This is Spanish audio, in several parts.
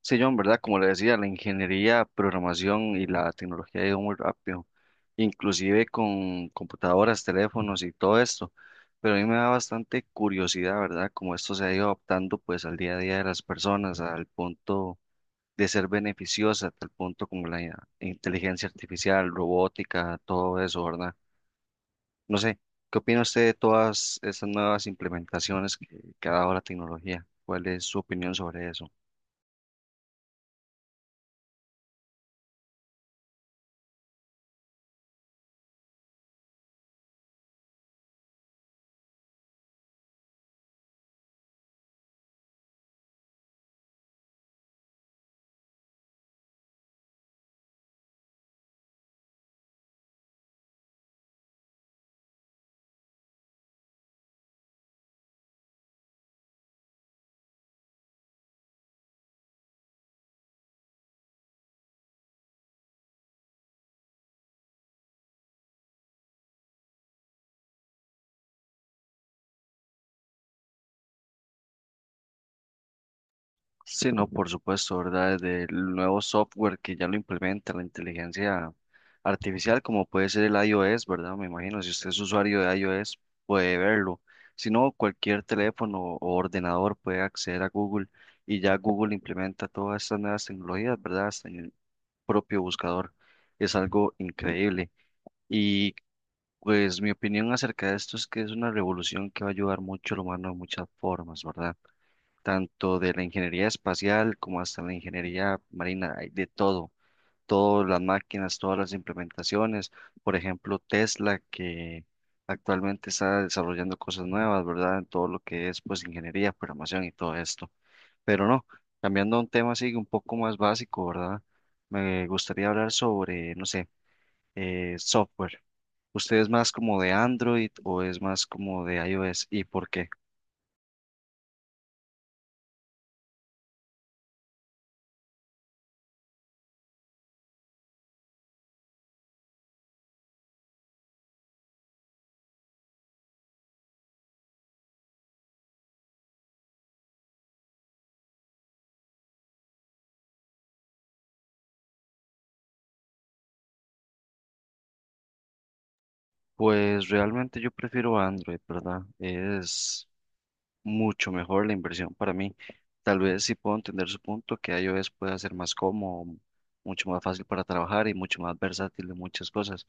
Sí, John, ¿verdad? Como le decía, la ingeniería, programación y la tecnología ha ido muy rápido, inclusive con computadoras, teléfonos y todo esto. Pero a mí me da bastante curiosidad, ¿verdad? Cómo esto se ha ido adaptando pues al día a día de las personas, al punto de ser beneficiosa, hasta el punto como la inteligencia artificial, robótica, todo eso, ¿verdad? No sé, ¿qué opina usted de todas estas nuevas implementaciones que ha dado la tecnología? ¿Cuál es su opinión sobre eso? Sí, no, por supuesto, ¿verdad? Del nuevo software que ya lo implementa la inteligencia artificial, como puede ser el iOS, ¿verdad? Me imagino, si usted es usuario de iOS, puede verlo. Si no, cualquier teléfono o ordenador puede acceder a Google y ya Google implementa todas estas nuevas tecnologías, ¿verdad? Hasta en el propio buscador. Es algo increíble. Y pues mi opinión acerca de esto es que es una revolución que va a ayudar mucho al humano de muchas formas, ¿verdad? Tanto de la ingeniería espacial como hasta la ingeniería marina, hay de todo, todas las máquinas, todas las implementaciones, por ejemplo, Tesla, que actualmente está desarrollando cosas nuevas, ¿verdad? En todo lo que es, pues, ingeniería, programación y todo esto. Pero no, cambiando a un tema así un poco más básico, ¿verdad? Me gustaría hablar sobre, no sé, software. ¿Usted es más como de Android o es más como de iOS y por qué? Pues realmente yo prefiero Android, ¿verdad? Es mucho mejor la inversión para mí. Tal vez sí puedo entender su punto, que iOS pueda ser más cómodo, mucho más fácil para trabajar y mucho más versátil en muchas cosas.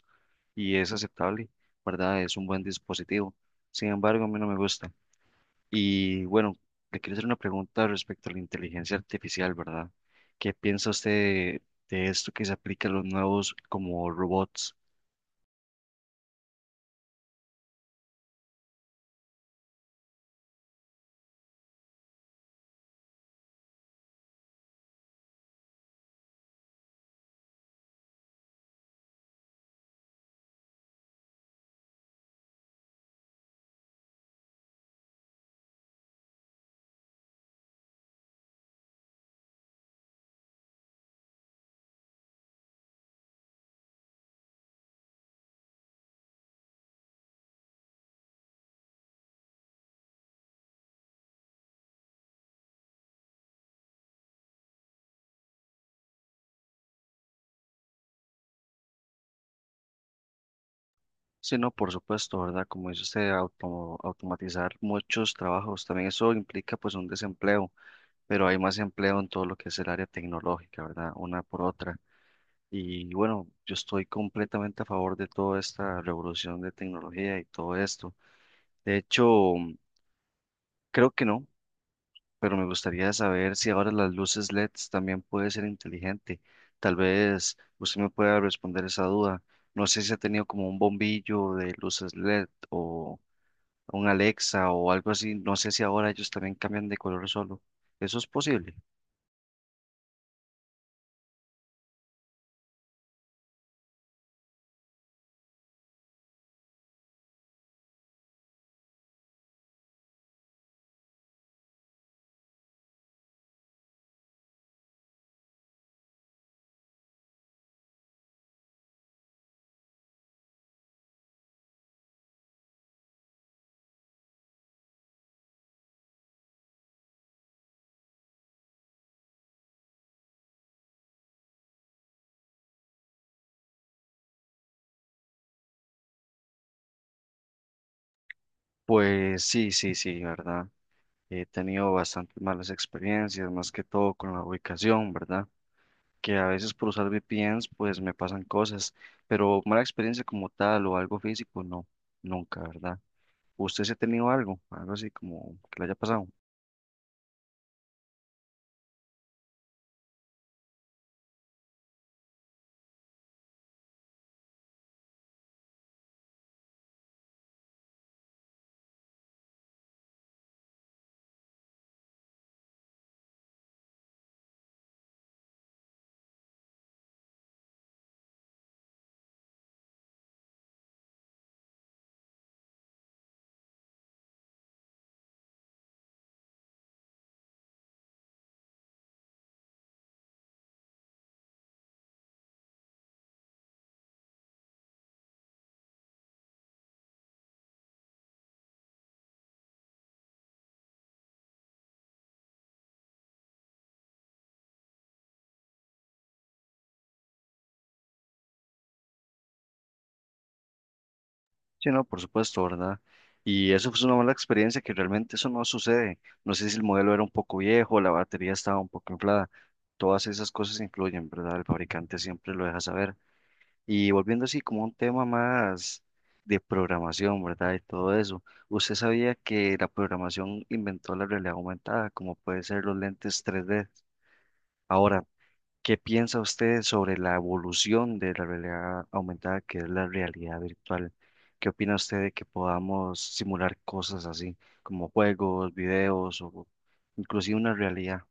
Y es aceptable, ¿verdad? Es un buen dispositivo. Sin embargo, a mí no me gusta. Y bueno, le quiero hacer una pregunta respecto a la inteligencia artificial, ¿verdad? ¿Qué piensa usted de esto que se aplica a los nuevos como robots? Sí, no, por supuesto, ¿verdad? Como dice usted, automatizar muchos trabajos, también eso implica pues un desempleo, pero hay más empleo en todo lo que es el área tecnológica, ¿verdad? Una por otra. Y bueno, yo estoy completamente a favor de toda esta revolución de tecnología y todo esto. De hecho, creo que no, pero me gustaría saber si ahora las luces LEDs también puede ser inteligente. Tal vez usted me pueda responder esa duda. No sé si ha tenido como un bombillo de luces LED o un Alexa o algo así. No sé si ahora ellos también cambian de color solo. ¿Eso es posible? Pues sí, sí, sí, ¿verdad? He tenido bastantes malas experiencias, más que todo con la ubicación, ¿verdad? Que a veces por usar VPNs pues me pasan cosas, pero mala experiencia como tal o algo físico, no, nunca, ¿verdad? ¿Usted se ha tenido algo así como que le haya pasado? Sí, no, por supuesto, ¿verdad? Y eso fue una mala experiencia que realmente eso no sucede. No sé si el modelo era un poco viejo, la batería estaba un poco inflada. Todas esas cosas incluyen, ¿verdad? El fabricante siempre lo deja saber. Y volviendo así como a un tema más de programación, ¿verdad? Y todo eso. ¿Usted sabía que la programación inventó la realidad aumentada, como puede ser los lentes 3D? Ahora, ¿qué piensa usted sobre la evolución de la realidad aumentada, que es la realidad virtual? ¿Qué opina usted de que podamos simular cosas así, como juegos, videos o inclusive una realidad?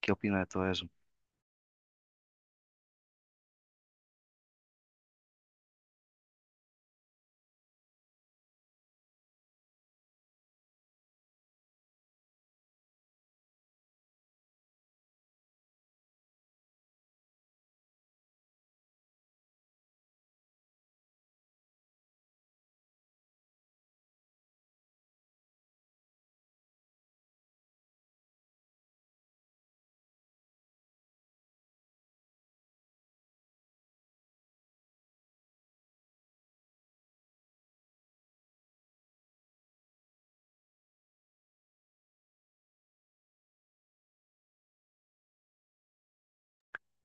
¿Qué opina de todo eso?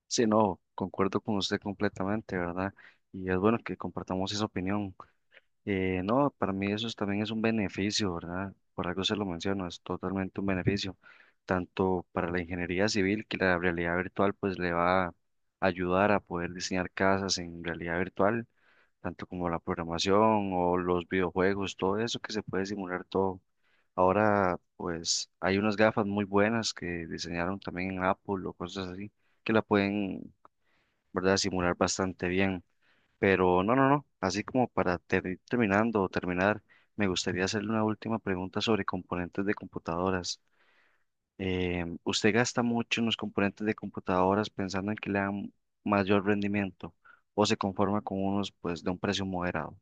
Sí, no, concuerdo con usted completamente, ¿verdad? Y es bueno que compartamos esa opinión. No, para mí eso también es un beneficio, ¿verdad? Por algo se lo menciono, es totalmente un beneficio, tanto para la ingeniería civil que la realidad virtual pues le va a ayudar a poder diseñar casas en realidad virtual, tanto como la programación o los videojuegos, todo eso que se puede simular todo. Ahora pues hay unas gafas muy buenas que diseñaron también en Apple o cosas así que la pueden, ¿verdad? Simular bastante bien. Pero no, no, no. Así como para ir terminando o terminar, me gustaría hacerle una última pregunta sobre componentes de computadoras. ¿Usted gasta mucho en los componentes de computadoras pensando en que le dan mayor rendimiento o se conforma con unos pues de un precio moderado?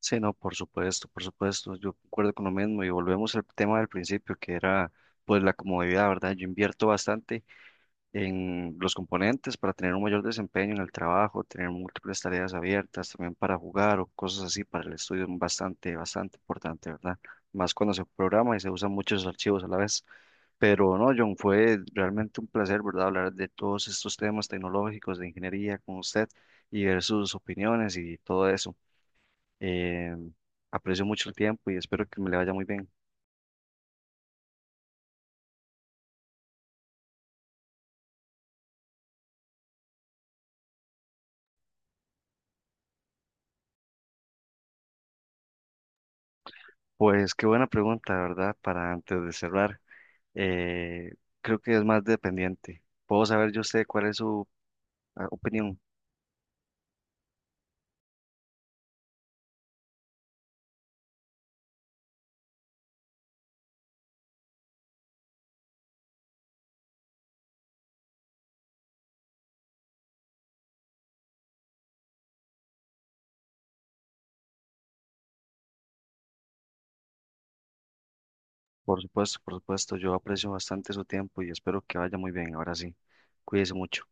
Sí, no, por supuesto, por supuesto. Yo concuerdo con lo mismo y volvemos al tema del principio que era pues la comodidad, ¿verdad? Yo invierto bastante en los componentes para tener un mayor desempeño en el trabajo, tener múltiples tareas abiertas, también para jugar o cosas así, para el estudio es bastante, bastante importante, ¿verdad? Más cuando se programa y se usan muchos archivos a la vez. Pero no, John, fue realmente un placer, ¿verdad? Hablar de todos estos temas tecnológicos de ingeniería con usted y ver sus opiniones y todo eso. Eh, aprecio mucho el tiempo y espero que me le vaya muy bien. Pues qué buena pregunta, ¿verdad? Para antes de cerrar. eh, Creo que es más dependiente. Puedo saber yo sé cuál es su opinión. Por supuesto, yo aprecio bastante su tiempo y espero que vaya muy bien. Ahora sí, cuídese mucho.